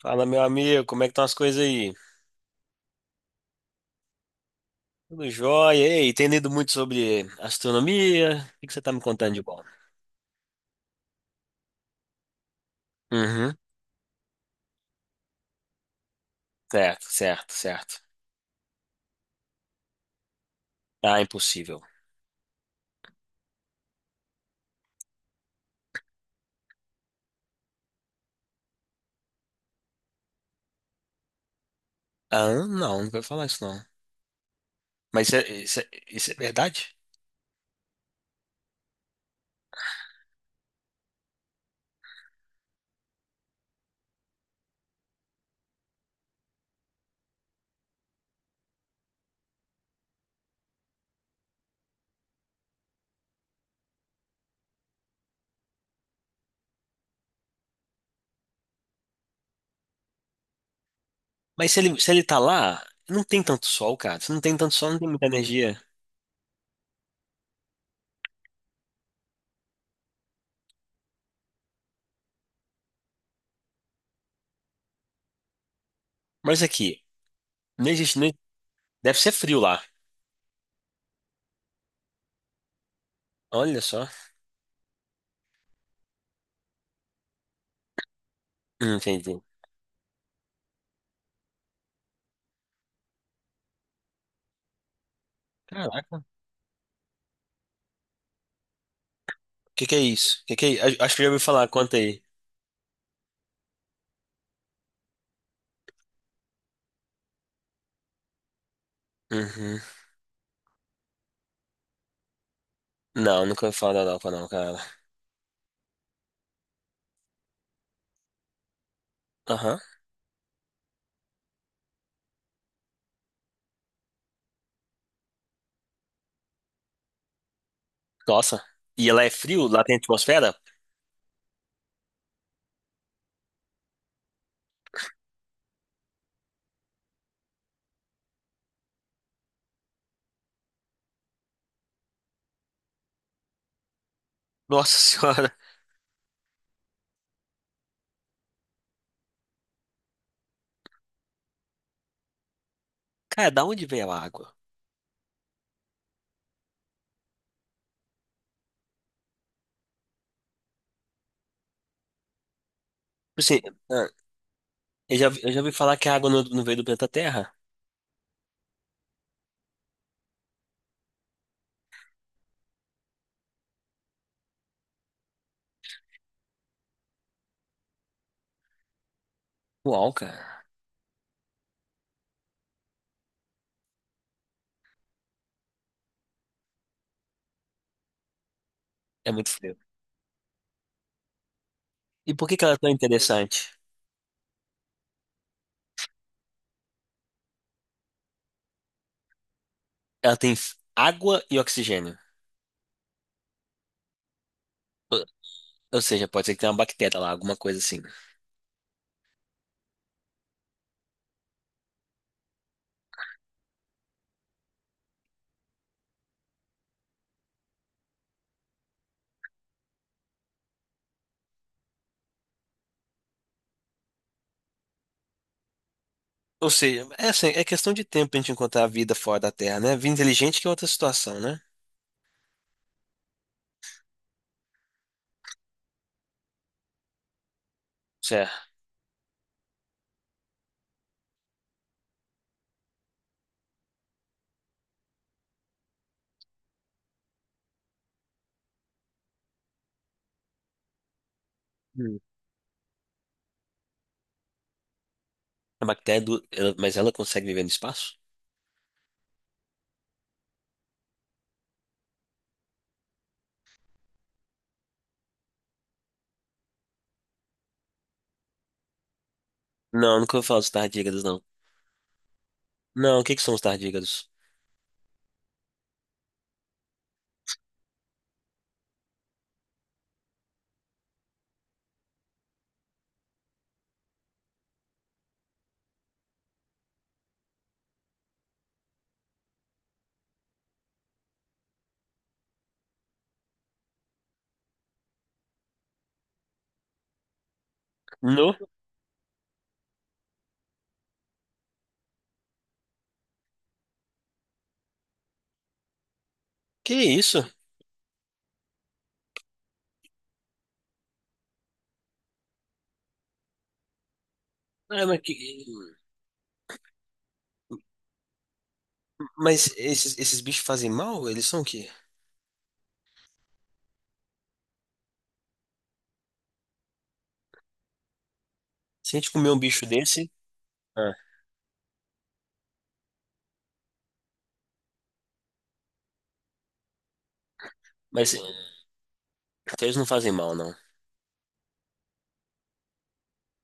Fala, meu amigo, como é que estão as coisas aí? Tudo jóia? Ei, tem lido muito sobre astronomia? O que que você tá me contando de bom? Uhum, certo, certo, certo. Ah, impossível. Ah, não, não vou falar isso não. Mas isso é verdade? Mas se ele tá lá, não tem tanto sol, cara. Se não tem tanto sol, não tem muita energia. Mas aqui, não existe, nem deve ser frio lá. Olha só. Entendi. Caraca. O que que é isso? Acho que eu já ouvi falar, conta aí. Uhum. Não, nunca ouvi falar da Europa não, cara. Aham. Nossa. E ela é frio? Lá tem atmosfera? Nossa senhora. Cara, da onde veio a água? Tipo assim, ah, eu já ouvi falar que a água não veio do planeta Terra. Uau, cara. É muito frio. E por que que ela é tão interessante? Ela tem água e oxigênio. Ou ou seja, pode ser que tenha uma bactéria lá, alguma coisa assim. Ou seja, é, assim, é questão de tempo pra gente encontrar a vida fora da Terra, né? Vida inteligente que é outra situação, né? Certo. Hum. A bactéria, do, mas ela consegue viver no espaço? Não, nunca ouvi falar dos tardígrados, não. Não, o que que são os tardígrados? No? Que isso? Ah, mas esses bichos fazem mal? Eles são o quê? Se a gente comer um bicho desse. Ah, mas então eles não fazem mal, não.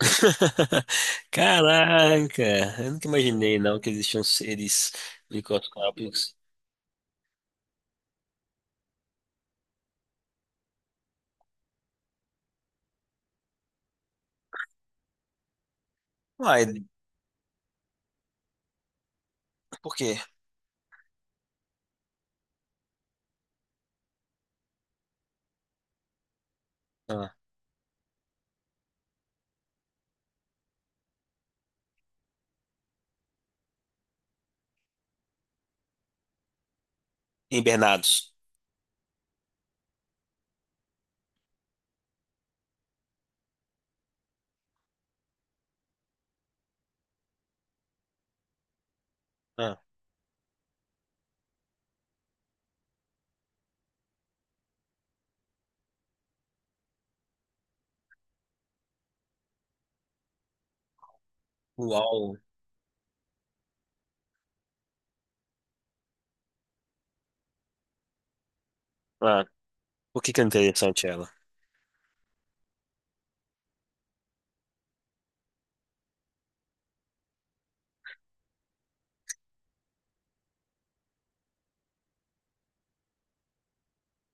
Caraca! Eu nunca imaginei, não, que existiam seres microscópicos. Uai, por quê? Ah, hibernados. Ah, uau! Ah, por que que é interessante ela?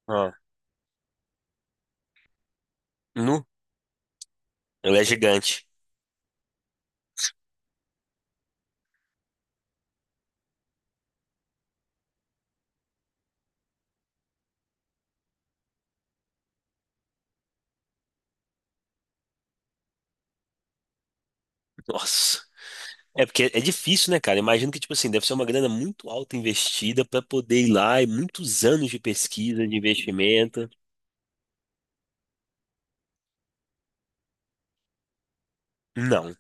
Ah, nu? Ela é gigante. Nossa. É porque é difícil, né, cara? Imagino que, tipo assim, deve ser uma grana muito alta investida pra poder ir lá e muitos anos de pesquisa, de investimento. Não.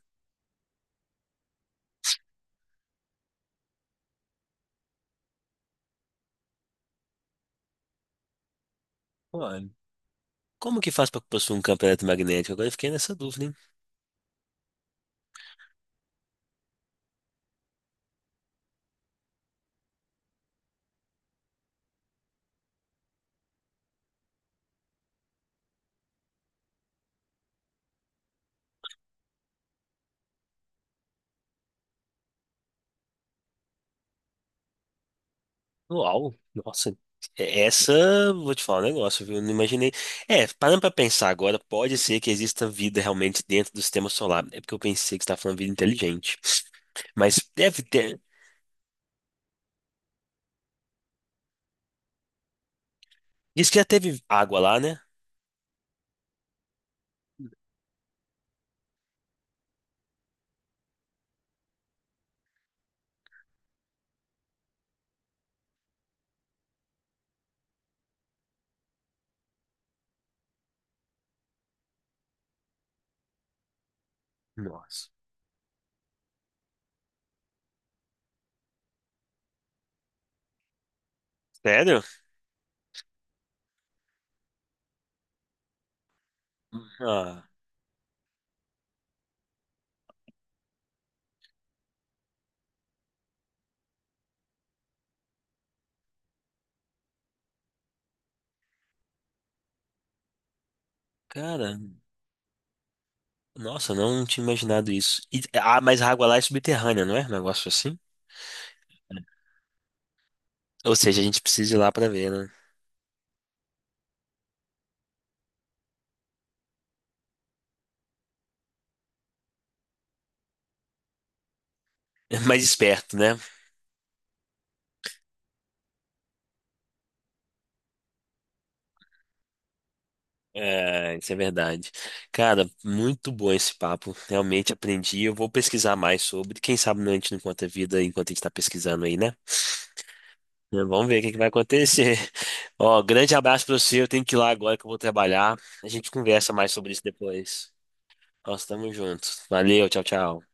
Mano, como que faz pra possuir um campo eletromagnético? Agora eu fiquei nessa dúvida, hein? Uau, nossa. Essa, vou te falar um negócio, viu? Eu não imaginei. É, parando pra pensar agora, pode ser que exista vida realmente dentro do sistema solar. É porque eu pensei que você tá falando vida inteligente. Mas deve ter. Diz que já teve água lá, né? Nossa. Sério? Ah, cara, nossa, não tinha imaginado isso. Ah, mas a água lá é subterrânea, não é? Um negócio assim? Ou seja, a gente precisa ir lá pra ver, né? É mais esperto, né? É, isso é verdade. Cara, muito bom esse papo. Realmente aprendi. Eu vou pesquisar mais sobre. Quem sabe a gente não encontra vida enquanto a gente tá pesquisando aí, né? É, vamos ver o que que vai acontecer. Ó, grande abraço pra você. Eu tenho que ir lá agora que eu vou trabalhar. A gente conversa mais sobre isso depois. Nós estamos juntos. Valeu, tchau, tchau.